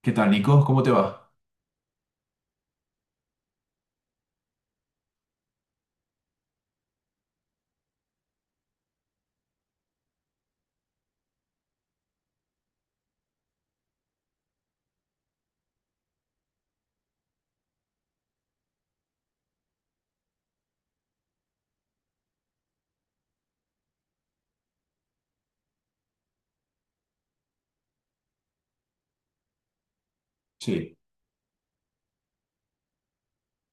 ¿Qué tal, Nico? ¿Cómo te va? Sí.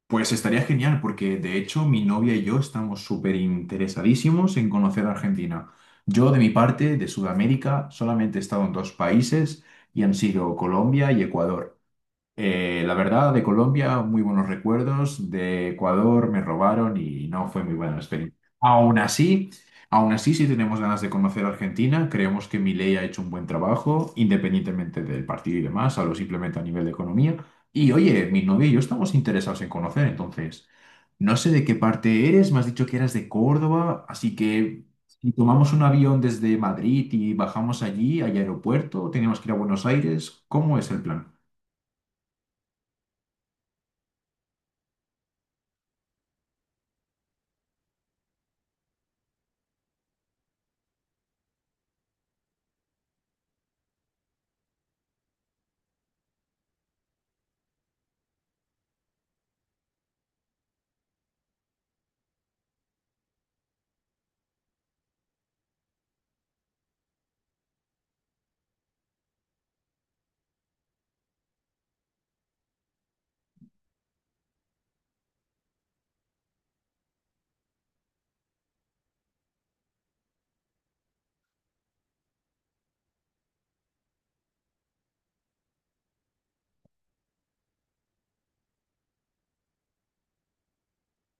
Pues estaría genial porque de hecho mi novia y yo estamos súper interesadísimos en conocer Argentina. Yo de mi parte, de Sudamérica, solamente he estado en dos países y han sido Colombia y Ecuador. La verdad, de Colombia, muy buenos recuerdos. De Ecuador me robaron y no fue muy buena la experiencia. Aún así, sí tenemos ganas de conocer Argentina. Creemos que Milei ha hecho un buen trabajo, independientemente del partido y demás, hablo simplemente a nivel de economía. Y oye, mi novio y yo estamos interesados en conocer, entonces, no sé de qué parte eres, me has dicho que eras de Córdoba, así que si tomamos un avión desde Madrid y bajamos allí, al aeropuerto, tenemos que ir a Buenos Aires, ¿cómo es el plan?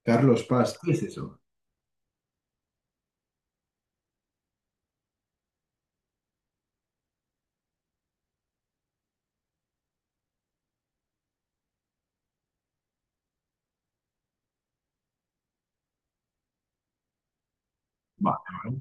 Carlos Paz, ¿qué es eso? Vale, vale.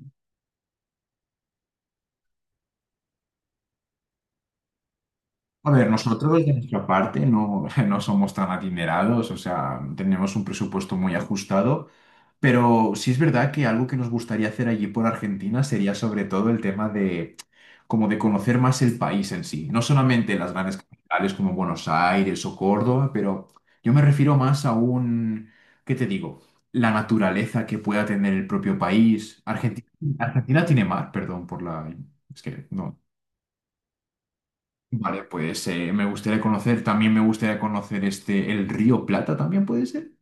A ver, nosotros de nuestra parte no, no somos tan adinerados, o sea, tenemos un presupuesto muy ajustado, pero sí es verdad que algo que nos gustaría hacer allí por Argentina sería sobre todo el tema de como de conocer más el país en sí, no solamente las grandes capitales como Buenos Aires o Córdoba, pero yo me refiero más a un, ¿qué te digo? La naturaleza que pueda tener el propio país. Argentina tiene mar, perdón por la... Es que no. Vale, pues me gustaría conocer, también me gustaría conocer este, el río Plata también puede ser.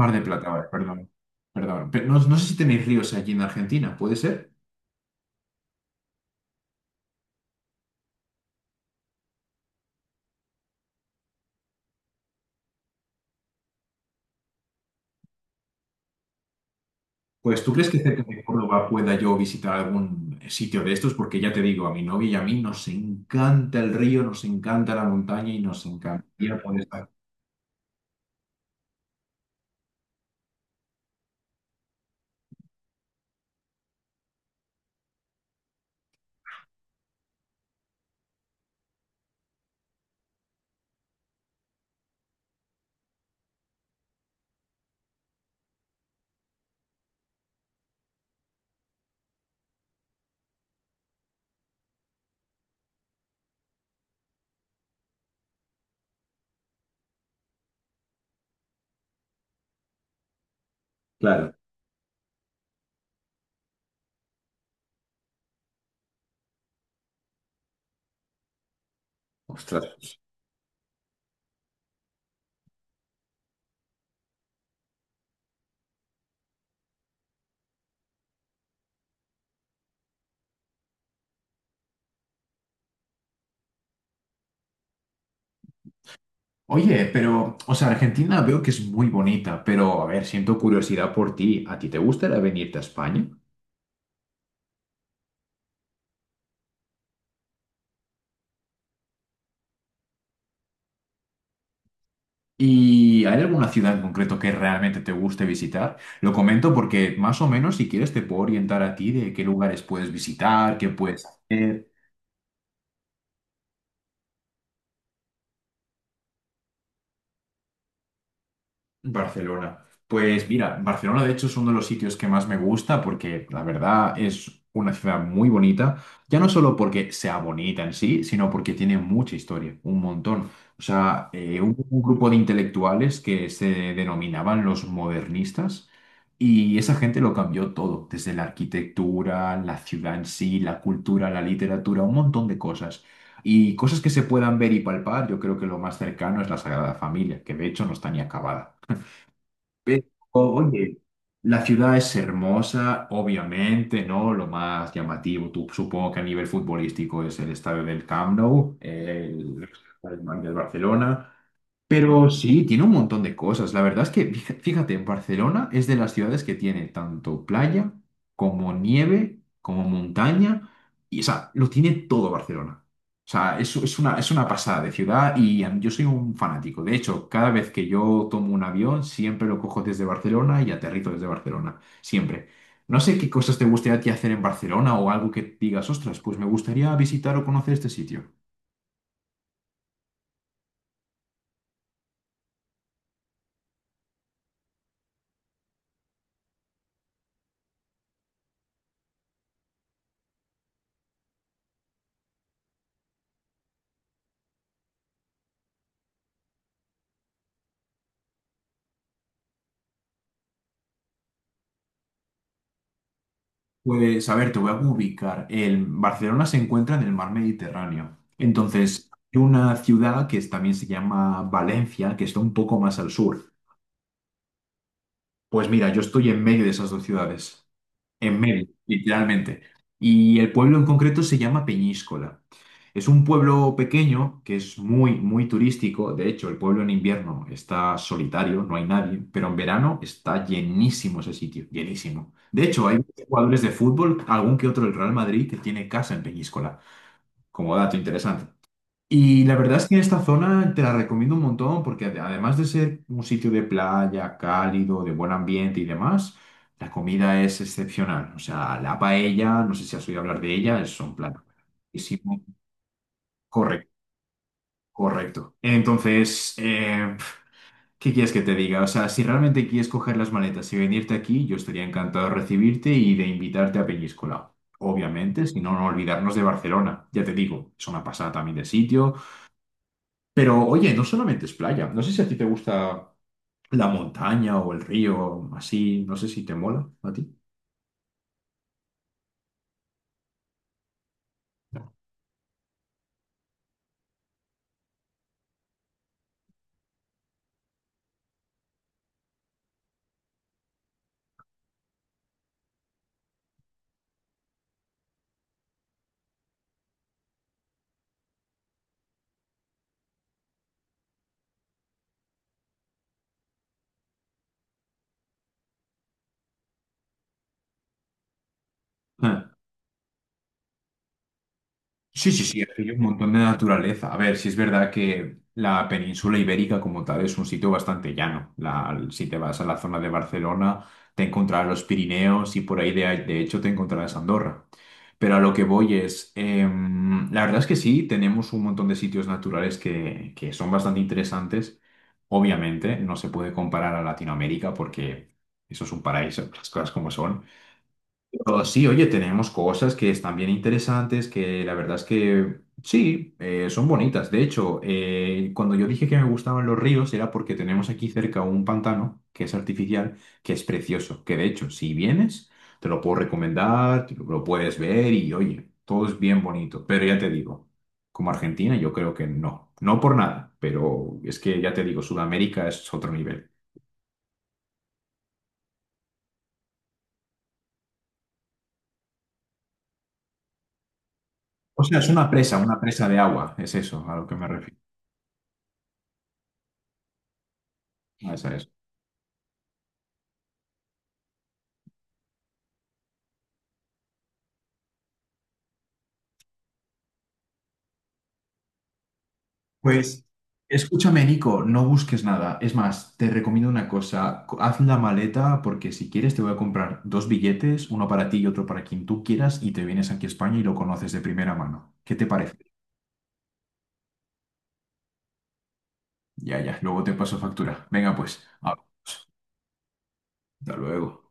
Mar de Plata, vale, perdón. Perdón. Pero no, no sé si tenéis ríos allí en Argentina, ¿puede ser? Pues ¿tú crees que cerca de Córdoba pueda yo visitar algún sitio de estos? Porque ya te digo, a mi novia y a mí nos encanta el río, nos encanta la montaña y nos encantaría poder estar. Claro, ostras. Oye, pero, o sea, Argentina veo que es muy bonita, pero a ver, siento curiosidad por ti. ¿A ti te gustaría venirte a España? ¿Y hay alguna ciudad en concreto que realmente te guste visitar? Lo comento porque más o menos si quieres te puedo orientar a ti de qué lugares puedes visitar, qué puedes hacer. Barcelona. Pues mira, Barcelona de hecho es uno de los sitios que más me gusta porque la verdad es una ciudad muy bonita, ya no solo porque sea bonita en sí, sino porque tiene mucha historia, un montón. O sea, un grupo de intelectuales que se denominaban los modernistas y esa gente lo cambió todo, desde la arquitectura, la ciudad en sí, la cultura, la literatura, un montón de cosas. Y cosas que se puedan ver y palpar, yo creo que lo más cercano es la Sagrada Familia, que de hecho no está ni acabada. Pero, oye, la ciudad es hermosa, obviamente, ¿no? Lo más llamativo, tú- supongo que a nivel futbolístico es el estadio del Camp Nou, el del Barcelona. Pero sí, tiene un montón de cosas. La verdad es que, fija- fíjate, Barcelona es de las ciudades que tiene tanto playa como nieve, como montaña, y o sea, lo tiene todo Barcelona. O sea, es una pasada de ciudad y a mí- yo soy un fanático. De hecho, cada vez que yo tomo un avión, siempre lo cojo desde Barcelona y aterrizo desde Barcelona. Siempre. No sé qué cosas te gustaría a ti hacer en Barcelona o algo que digas, ostras, pues me gustaría visitar o conocer este sitio. Pues, a ver, te voy a ubicar. El Barcelona se encuentra en el mar Mediterráneo. Entonces, hay una ciudad que es- también se llama Valencia, que está un poco más al sur. Pues mira, yo estoy en medio de esas dos ciudades. En medio, literalmente. Y el pueblo en concreto se llama Peñíscola. Es un pueblo pequeño que es muy, muy turístico. De hecho, el pueblo en invierno está solitario, no hay nadie, pero en verano está llenísimo ese sitio, llenísimo. De hecho, hay jugadores de fútbol, algún que otro del Real Madrid, que tiene casa en Peñíscola, como dato interesante. Y la verdad es que esta zona te la recomiendo un montón porque ade- además de ser un sitio de playa, cálido, de buen ambiente y demás, la comida es excepcional. O sea, la paella, no sé si has oído hablar de ella, es un plato buenísimo. Correcto, correcto. Entonces, ¿qué quieres que te diga? O sea, si realmente quieres coger las maletas y venirte aquí, yo estaría encantado de recibirte y de invitarte a Peñíscola. Obviamente, si no, no olvidarnos de Barcelona. Ya te digo, es una pasada también de sitio. Pero oye, no solamente es playa. No sé si a ti te gusta la montaña o el río, así. No sé si te mola a ti. Ah. Sí, sí, sí, aquí hay un montón de naturaleza. A ver, si es verdad que la península ibérica como tal es un sitio bastante llano. La- si te vas a la zona de Barcelona, te encontrarás los Pirineos y por ahí de hecho te encontrarás Andorra. Pero a lo que voy es, la verdad es que sí, tenemos un montón de sitios naturales que son bastante interesantes. Obviamente, no se puede comparar a Latinoamérica porque eso es un paraíso, las cosas como son. Pero sí, oye, tenemos cosas que están bien interesantes, que la verdad es que sí, son bonitas. De hecho, cuando yo dije que me gustaban los ríos era porque tenemos aquí cerca un pantano que es artificial, que es precioso, que de hecho, si vienes, te lo puedo recomendar, te lo puedes ver y oye, todo es bien bonito. Pero ya te digo, como Argentina, yo creo que no, no por nada, pero es que ya te digo, Sudamérica es otro nivel. O sea, es una presa de agua, es eso a lo que me refiero. A esa es. Pues escúchame, Nico, no busques nada. Es más, te recomiendo una cosa. Co- Haz la maleta porque si quieres te voy a comprar dos billetes, uno para ti y otro para quien tú quieras, y te vienes aquí a España y lo conoces de primera mano. ¿Qué te parece? Ya, ya, luego te paso factura. Venga, pues, hablamos. Hasta luego.